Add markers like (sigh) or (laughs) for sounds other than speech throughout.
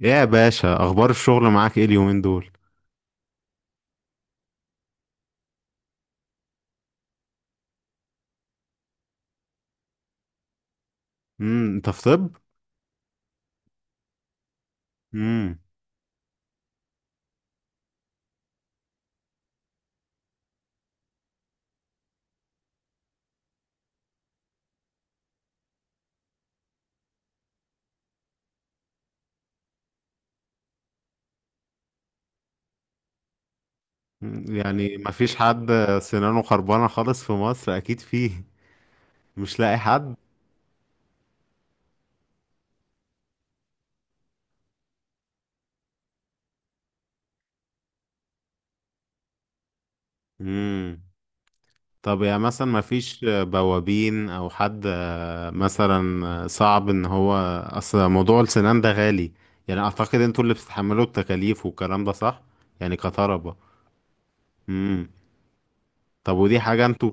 يا باشا، اخبار الشغل معاك ايه اليومين دول؟ انت في طب؟ امم يعني ما فيش حد سنانه خربانه خالص في مصر؟ اكيد فيه. مش لاقي حد؟ امم طب يعني مثلا ما فيش بوابين او حد، مثلا صعب ان هو. اصل موضوع السنان ده غالي، يعني اعتقد انتوا اللي بتتحملوا التكاليف والكلام ده، صح؟ يعني كطلبة. امم طب ودي حاجه انتوا،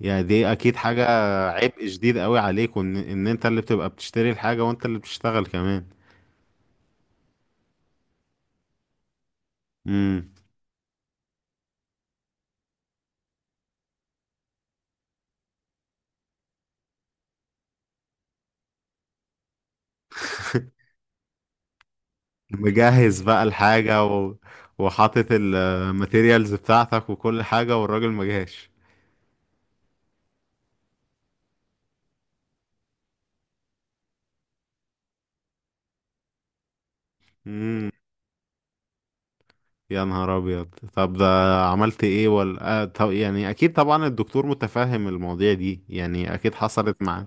يعني دي اكيد حاجة عبء شديد قوي عليك، وان انت اللي بتبقى بتشتري الحاجة وانت اللي بتشتغل كمان. امم مجهز بقى الحاجة وحاطط الماتيريالز بتاعتك وكل حاجة، والراجل ما جاش. امم يا نهار ابيض، طب ده عملت ايه؟ ولا طب يعني اكيد طبعا الدكتور متفهم المواضيع دي، يعني اكيد حصلت مع.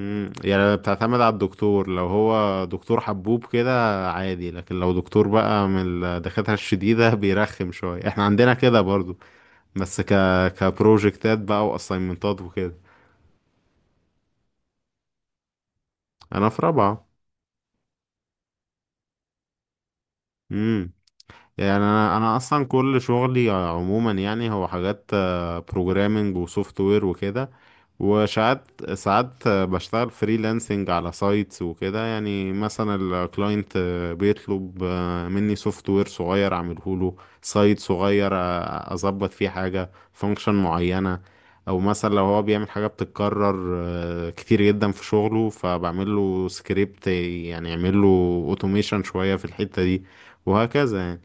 يعني بتعتمد على الدكتور، لو هو دكتور حبوب كده عادي، لكن لو دكتور بقى من الدكاترة الشديدة (laughs) بيرخم شوية. احنا عندنا كده برضو، بس كبروجكتات بقى واساينمنتات وكده. انا في رابعة. امم يعني انا اصلا كل شغلي عموما يعني هو حاجات بروجرامنج وسوفت وير وكده. وساعات ساعات بشتغل فريلانسنج على سايتس وكده، يعني مثلا الكلاينت بيطلب مني سوفت وير صغير اعمله له، سايت صغير اظبط فيه حاجة، فانكشن معينة. او مثلا لو هو بيعمل حاجة بتتكرر كتير جدا في شغله، فبعمل له سكريبت، يعني يعمل له اوتوميشن شوية في الحتة دي، وهكذا يعني.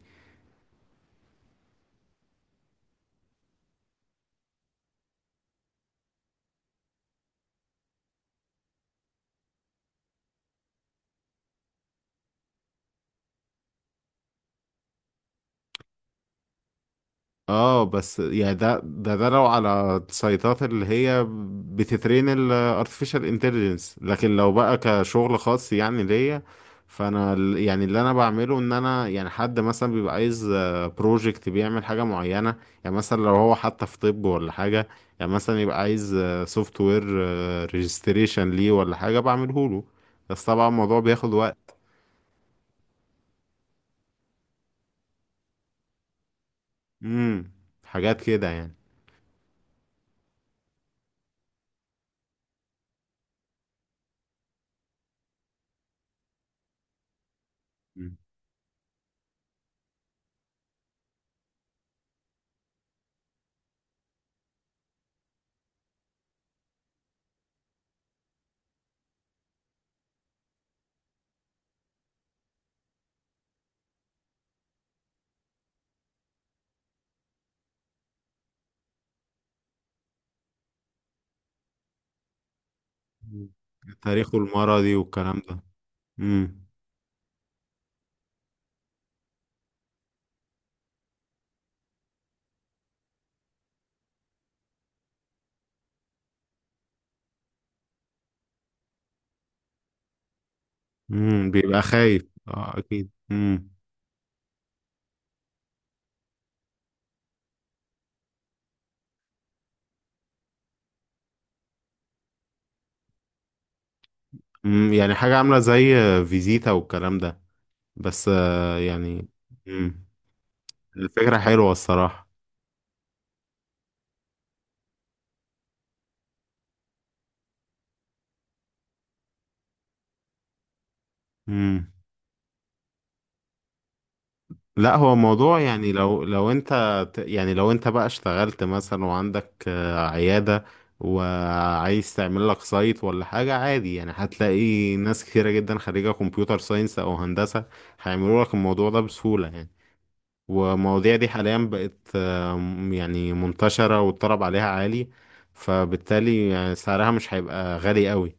اه، بس يعني ده لو على السيطات اللي هي بتترين ال artificial intelligence. لكن لو بقى كشغل خاص يعني ليا، فانا يعني اللي انا بعمله ان انا، يعني حد مثلا بيبقى عايز بروجكت بيعمل حاجة معينة. يعني مثلا لو هو حتى في طب ولا حاجة، يعني مثلا يبقى عايز سوفت وير ريجستريشن ليه ولا حاجة بعمله له. بس طبعا الموضوع بياخد وقت. امم حاجات كده يعني. مم. التاريخ المرضي والكلام ده. امم بيبقى خايف، اه اكيد. يعني حاجة عاملة زي فيزيتا والكلام ده، بس يعني. امم الفكرة حلوة الصراحة. امم لا، هو موضوع يعني، لو انت يعني لو انت بقى اشتغلت مثلا وعندك عيادة، وعايز تعمل لك سايت ولا حاجة، عادي يعني هتلاقي ناس كتيرة جدا خريجة كمبيوتر ساينس او هندسة هيعملوا لك الموضوع ده بسهولة يعني. والمواضيع دي حاليا بقت يعني منتشرة، والطلب عليها عالي، فبالتالي يعني سعرها مش هيبقى غالي قوي.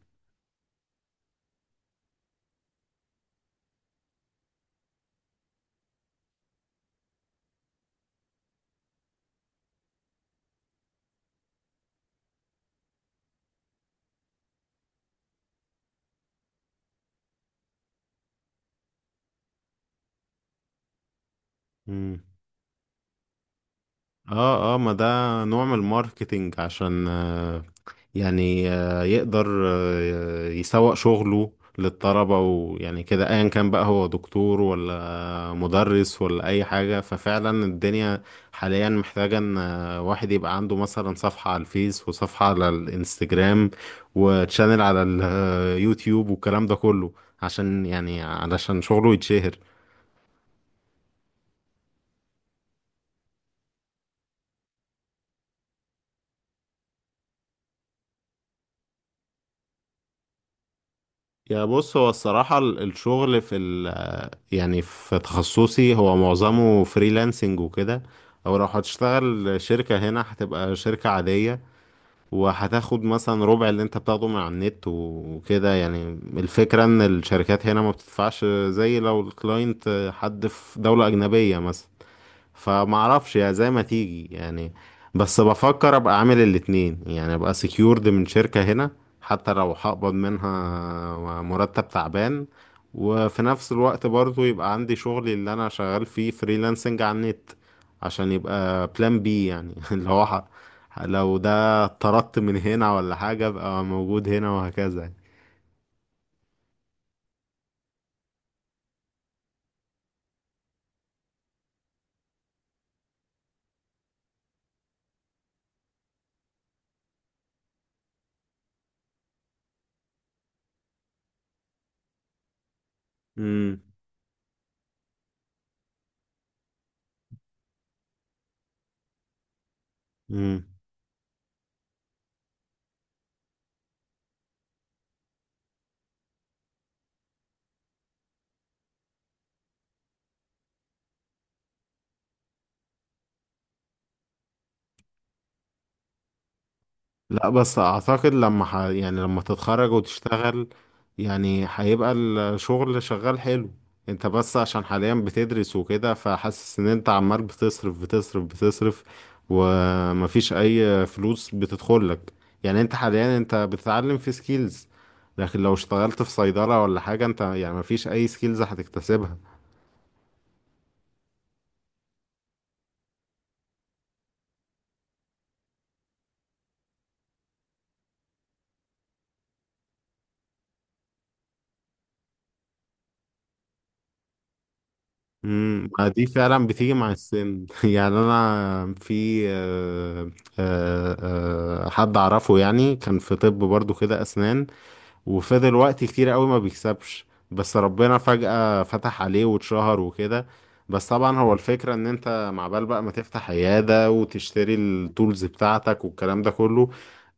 مم. اه اه، ما ده نوع من الماركتينج عشان يعني يقدر يسوق شغله للطلبة، ويعني كده ايا كان بقى هو دكتور ولا مدرس ولا اي حاجة. ففعلا الدنيا حاليا محتاجة ان واحد يبقى عنده مثلا صفحة على الفيس، وصفحة على الانستجرام، وتشانل على اليوتيوب، والكلام ده كله، عشان يعني علشان شغله يتشهر. يا بص، هو الصراحة الشغل في، يعني في تخصصي، هو معظمه فريلانسنج وكده، او لو هتشتغل شركة هنا هتبقى شركة عادية وهتاخد مثلا ربع اللي انت بتاخده من على النت وكده يعني. الفكرة ان الشركات هنا ما بتدفعش زي لو الكلاينت حد في دولة اجنبية مثلا، فمعرفش، يا زي ما تيجي يعني. بس بفكر ابقى عامل الاتنين، يعني ابقى سكيورد من شركة هنا حتى لو هقبض منها مرتب تعبان، وفي نفس الوقت برضو يبقى عندي شغلي اللي انا شغال فيه فريلانسنج على النت، عشان يبقى بلان بي يعني. (laughs) لو ده طردت من هنا ولا حاجة ابقى موجود هنا، وهكذا. امم لا، بس اعتقد لما يعني لما تتخرج وتشتغل يعني هيبقى الشغل شغال حلو. انت بس عشان حاليا بتدرس وكده، فحاسس ان انت عمال بتصرف بتصرف بتصرف ومفيش اي فلوس بتدخلك. يعني انت حاليا انت بتتعلم في سكيلز، لكن لو اشتغلت في صيدلة ولا حاجة انت يعني مفيش اي سكيلز هتكتسبها. ما دي فعلا بتيجي مع السن. (laughs) يعني انا في آه، حد اعرفه يعني كان في طب برضو كده اسنان، وفضل وقت كتير قوي ما بيكسبش، بس ربنا فجأة فتح عليه واتشهر وكده. بس طبعا هو الفكرة ان انت مع بال بقى ما تفتح عيادة وتشتري التولز بتاعتك والكلام ده كله،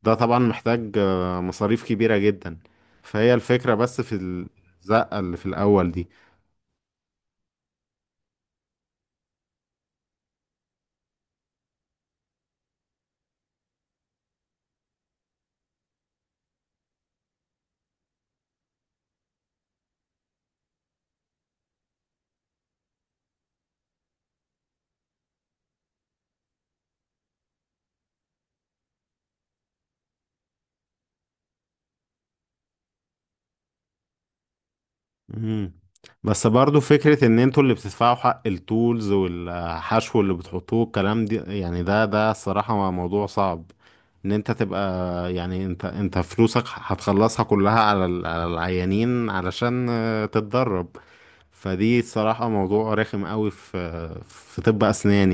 ده طبعا محتاج مصاريف كبيرة جدا. فهي الفكرة بس في الزقة اللي في الاول دي. مم. بس برضو فكرة ان انتوا اللي بتدفعوا حق التولز والحشو اللي بتحطوه الكلام دي، يعني ده الصراحة موضوع صعب، ان انت تبقى يعني، انت فلوسك هتخلصها كلها على على العيانين علشان تتدرب. فدي الصراحة موضوع رخم قوي في طب اسنان.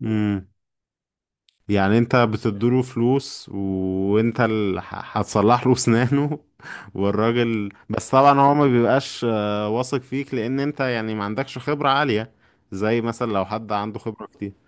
يعني يعني انت بتديله فلوس وانت اللي هتصلح له اسنانه. (laughs) والراجل بس طبعا هو ما بيبقاش واثق فيك، لان انت يعني ما عندكش خبرة عالية، زي مثلا لو حد عنده خبرة كتير.